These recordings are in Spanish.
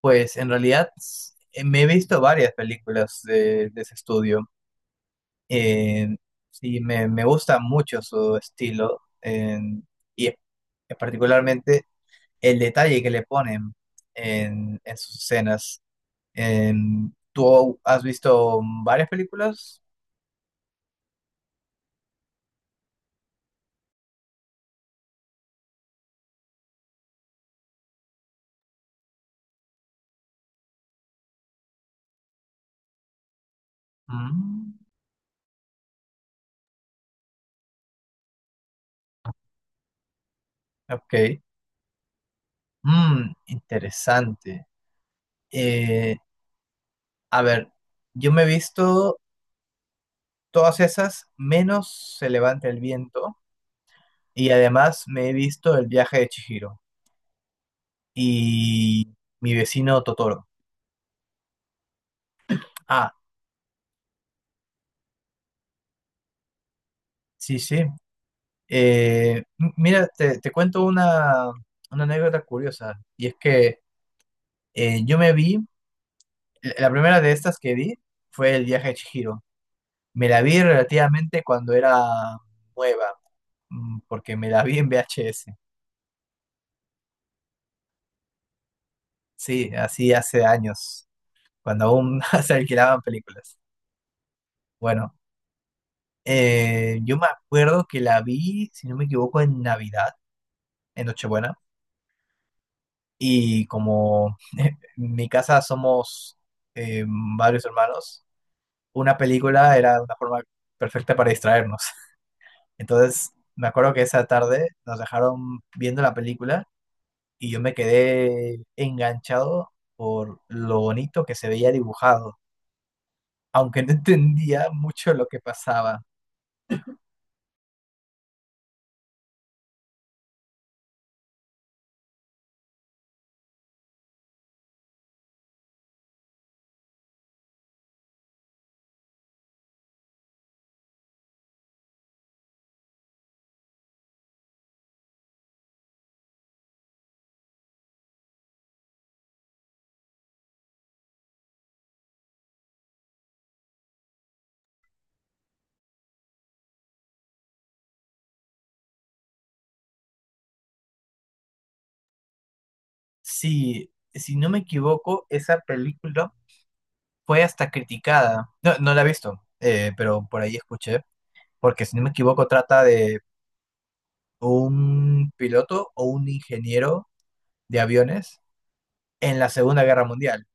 Pues en realidad me he visto varias películas de ese estudio. Eh, sí, me gusta mucho su estilo y particularmente el detalle que le ponen en sus escenas. ¿Tú has visto varias películas? Mm, ok. Mm, interesante. Eh, a ver, yo me he visto todas esas menos Se levanta el viento. Y además me he visto El viaje de Chihiro y Mi vecino Totoro. Ah, sí, sí. Mira, te cuento una anécdota curiosa. Y es que yo me vi, la primera de estas que vi fue El viaje de Chihiro. Me la vi relativamente cuando era nueva, mm, porque me la vi en VHS. Sí, así hace años, cuando aún se alquilaban películas. Bueno. Yo me acuerdo que la vi, si no me equivoco, en Navidad, en Nochebuena, y como en mi casa somos eh, varios hermanos, una película era una forma perfecta para distraernos. Entonces, me acuerdo que esa tarde nos dejaron viendo la película y yo me quedé enganchado por lo bonito que se veía dibujado, aunque no entendía mucho lo que pasaba. Sí, si no me equivoco, esa película fue hasta criticada. No, no la he visto, pero por ahí escuché, porque si no me equivoco trata de un piloto o un ingeniero de aviones en la Segunda Guerra Mundial.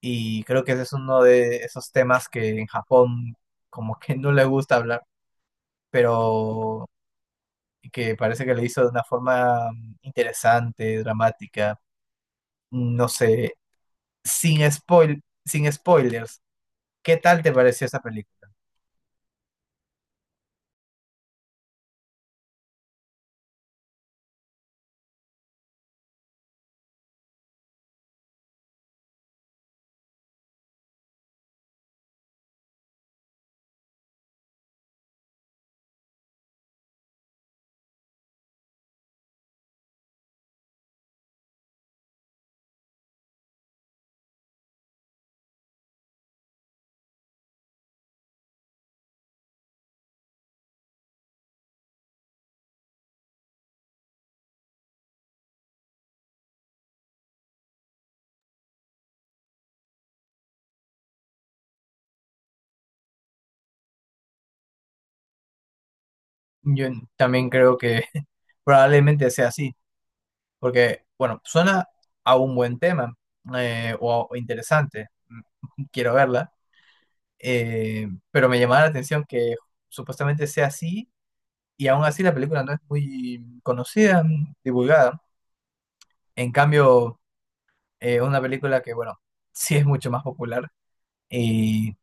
Y creo que ese es uno de esos temas que en Japón como que no le gusta hablar, pero que parece que lo hizo de una forma interesante, dramática, no sé, sin spoil, sin spoilers. ¿Qué tal te pareció esa película? Yo también creo que probablemente sea así, porque, bueno, suena a un buen tema interesante, mm, quiero verla, pero me llamaba la atención que supuestamente sea así y aún así la película no es muy conocida, mm, divulgada. En cambio, una película que, bueno, sí es mucho más popular y,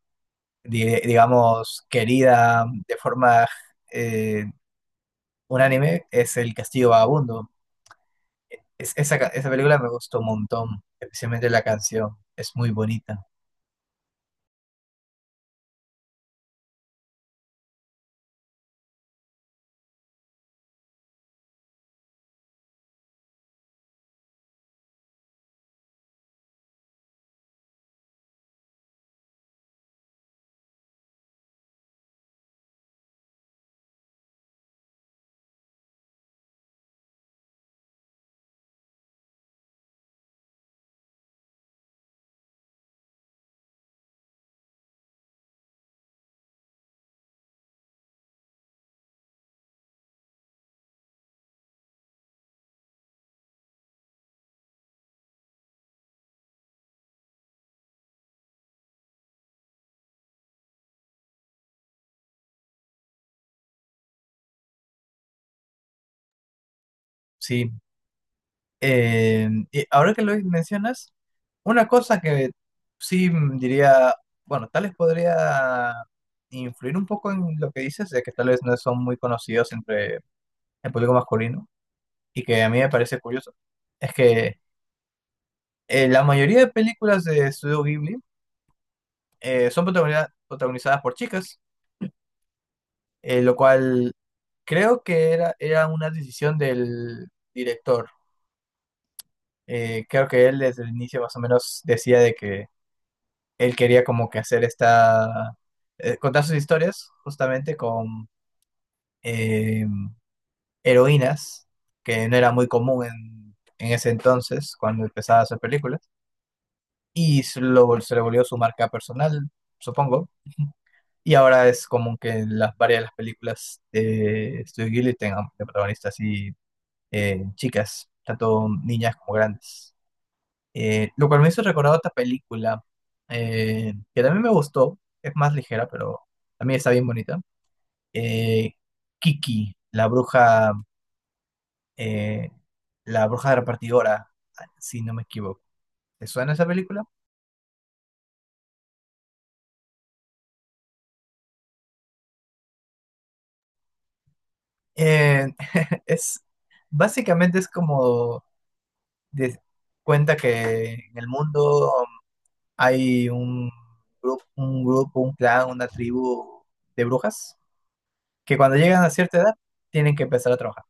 digamos, querida de forma eh, unánime es El Castillo Vagabundo. Esa película me gustó un montón, especialmente la canción, es muy bonita, sí. Y ahora que lo mencionas, una cosa que sí mm, diría, bueno, tal vez podría influir un poco en lo que dices, de que tal vez no son muy conocidos entre el público masculino, y que a mí me parece curioso, es que la mayoría de películas de Studio Ghibli son protagonizadas por chicas. Lo cual creo que era una decisión del director. Creo que él desde el inicio más o menos decía de que él quería como que hacer esta, contar sus historias justamente con eh, heroínas, que no era muy común en ese entonces cuando empezaba a hacer películas, y se le volvió su marca personal, supongo. Y ahora es como que las varias de las películas de Studio Ghibli tengan de protagonistas así chicas, tanto niñas como grandes. Lo cual me hizo recordar otra película que también me gustó, es más ligera, pero también está bien bonita. Eh, Kiki, eh, la bruja repartidora, si no me equivoco. ¿Te suena esa película? Eh, es, básicamente es como de cuenta que en el mundo hay un grupo, un clan, una tribu de brujas que cuando llegan a cierta edad tienen que empezar a trabajar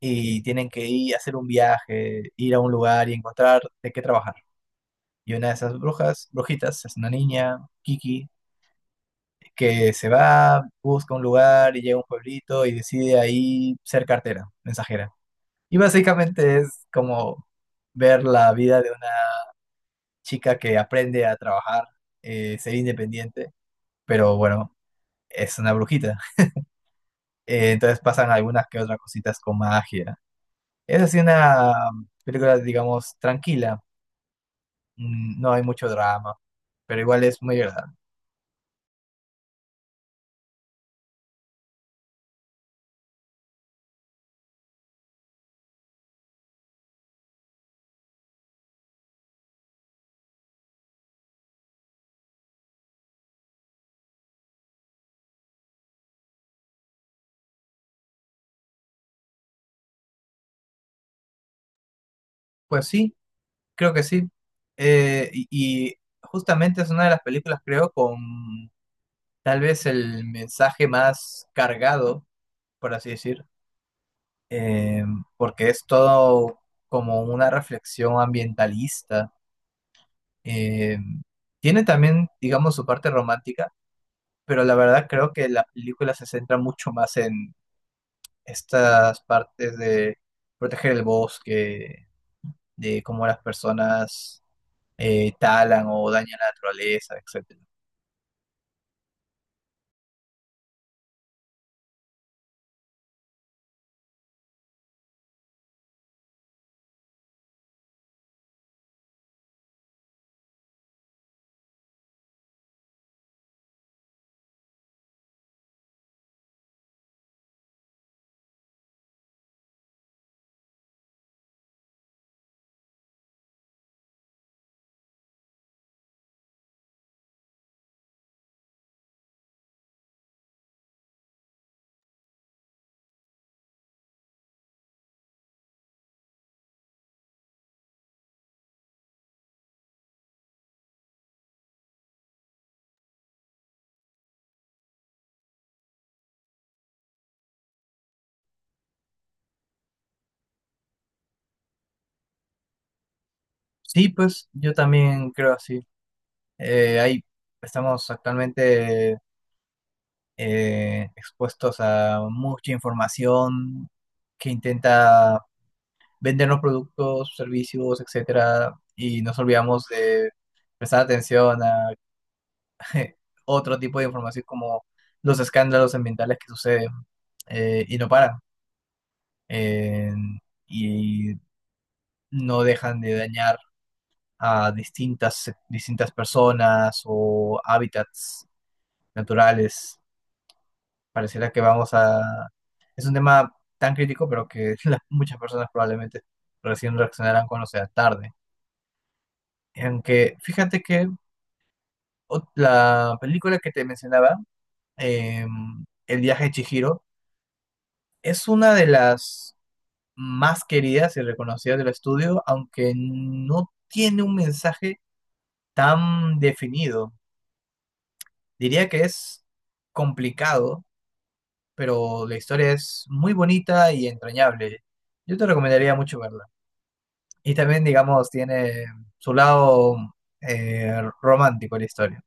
y tienen que ir a hacer un viaje, ir a un lugar y encontrar de qué trabajar. Y una de esas brujitas, es una niña, Kiki, que se va, busca un lugar y llega a un pueblito y decide ahí ser cartera, mensajera. Y básicamente es como ver la vida de una chica que aprende a trabajar, ser independiente, pero bueno, es una brujita. Entonces pasan algunas que otras cositas con magia. Es así una película, digamos, tranquila. Mm, no hay mucho drama, pero igual es muy agradable. Pues sí, creo que sí. Eh, y, y justamente es una de las películas, creo, con tal vez el mensaje más cargado, por así decir, eh, porque es todo como una reflexión ambientalista. Eh, Tiene también, digamos, su parte romántica, pero la verdad creo que la película se centra mucho más en estas partes de proteger el bosque, de cómo las personas talan o dañan la naturaleza, etcétera. Sí, pues yo también creo así. Ahí estamos actualmente expuestos a mucha información que intenta vendernos productos, servicios, etcétera, y nos olvidamos de prestar atención a otro tipo de información como los escándalos ambientales que suceden y no paran eh, y no dejan de dañar a distintas personas o hábitats naturales. Pareciera que vamos a... Es un tema tan crítico, pero que las- muchas personas probablemente recién reaccionarán cuando sea tarde. Aunque fíjate que la película que te mencionaba, El viaje de Chihiro, es una de las más queridas y reconocidas del estudio, aunque no tiene un mensaje tan definido. Diría que es complicado, pero la historia es muy bonita y entrañable. Yo te recomendaría mucho verla. Y también, digamos, tiene su lado romántico la historia.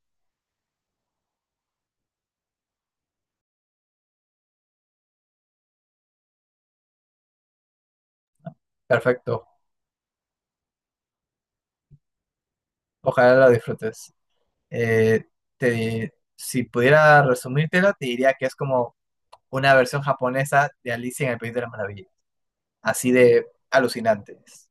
Perfecto. Ojalá la disfrutes. Eh, Te, si pudiera resumírtela, te diría que es como una versión japonesa de Alicia en el País de las Maravillas. Así de alucinantes.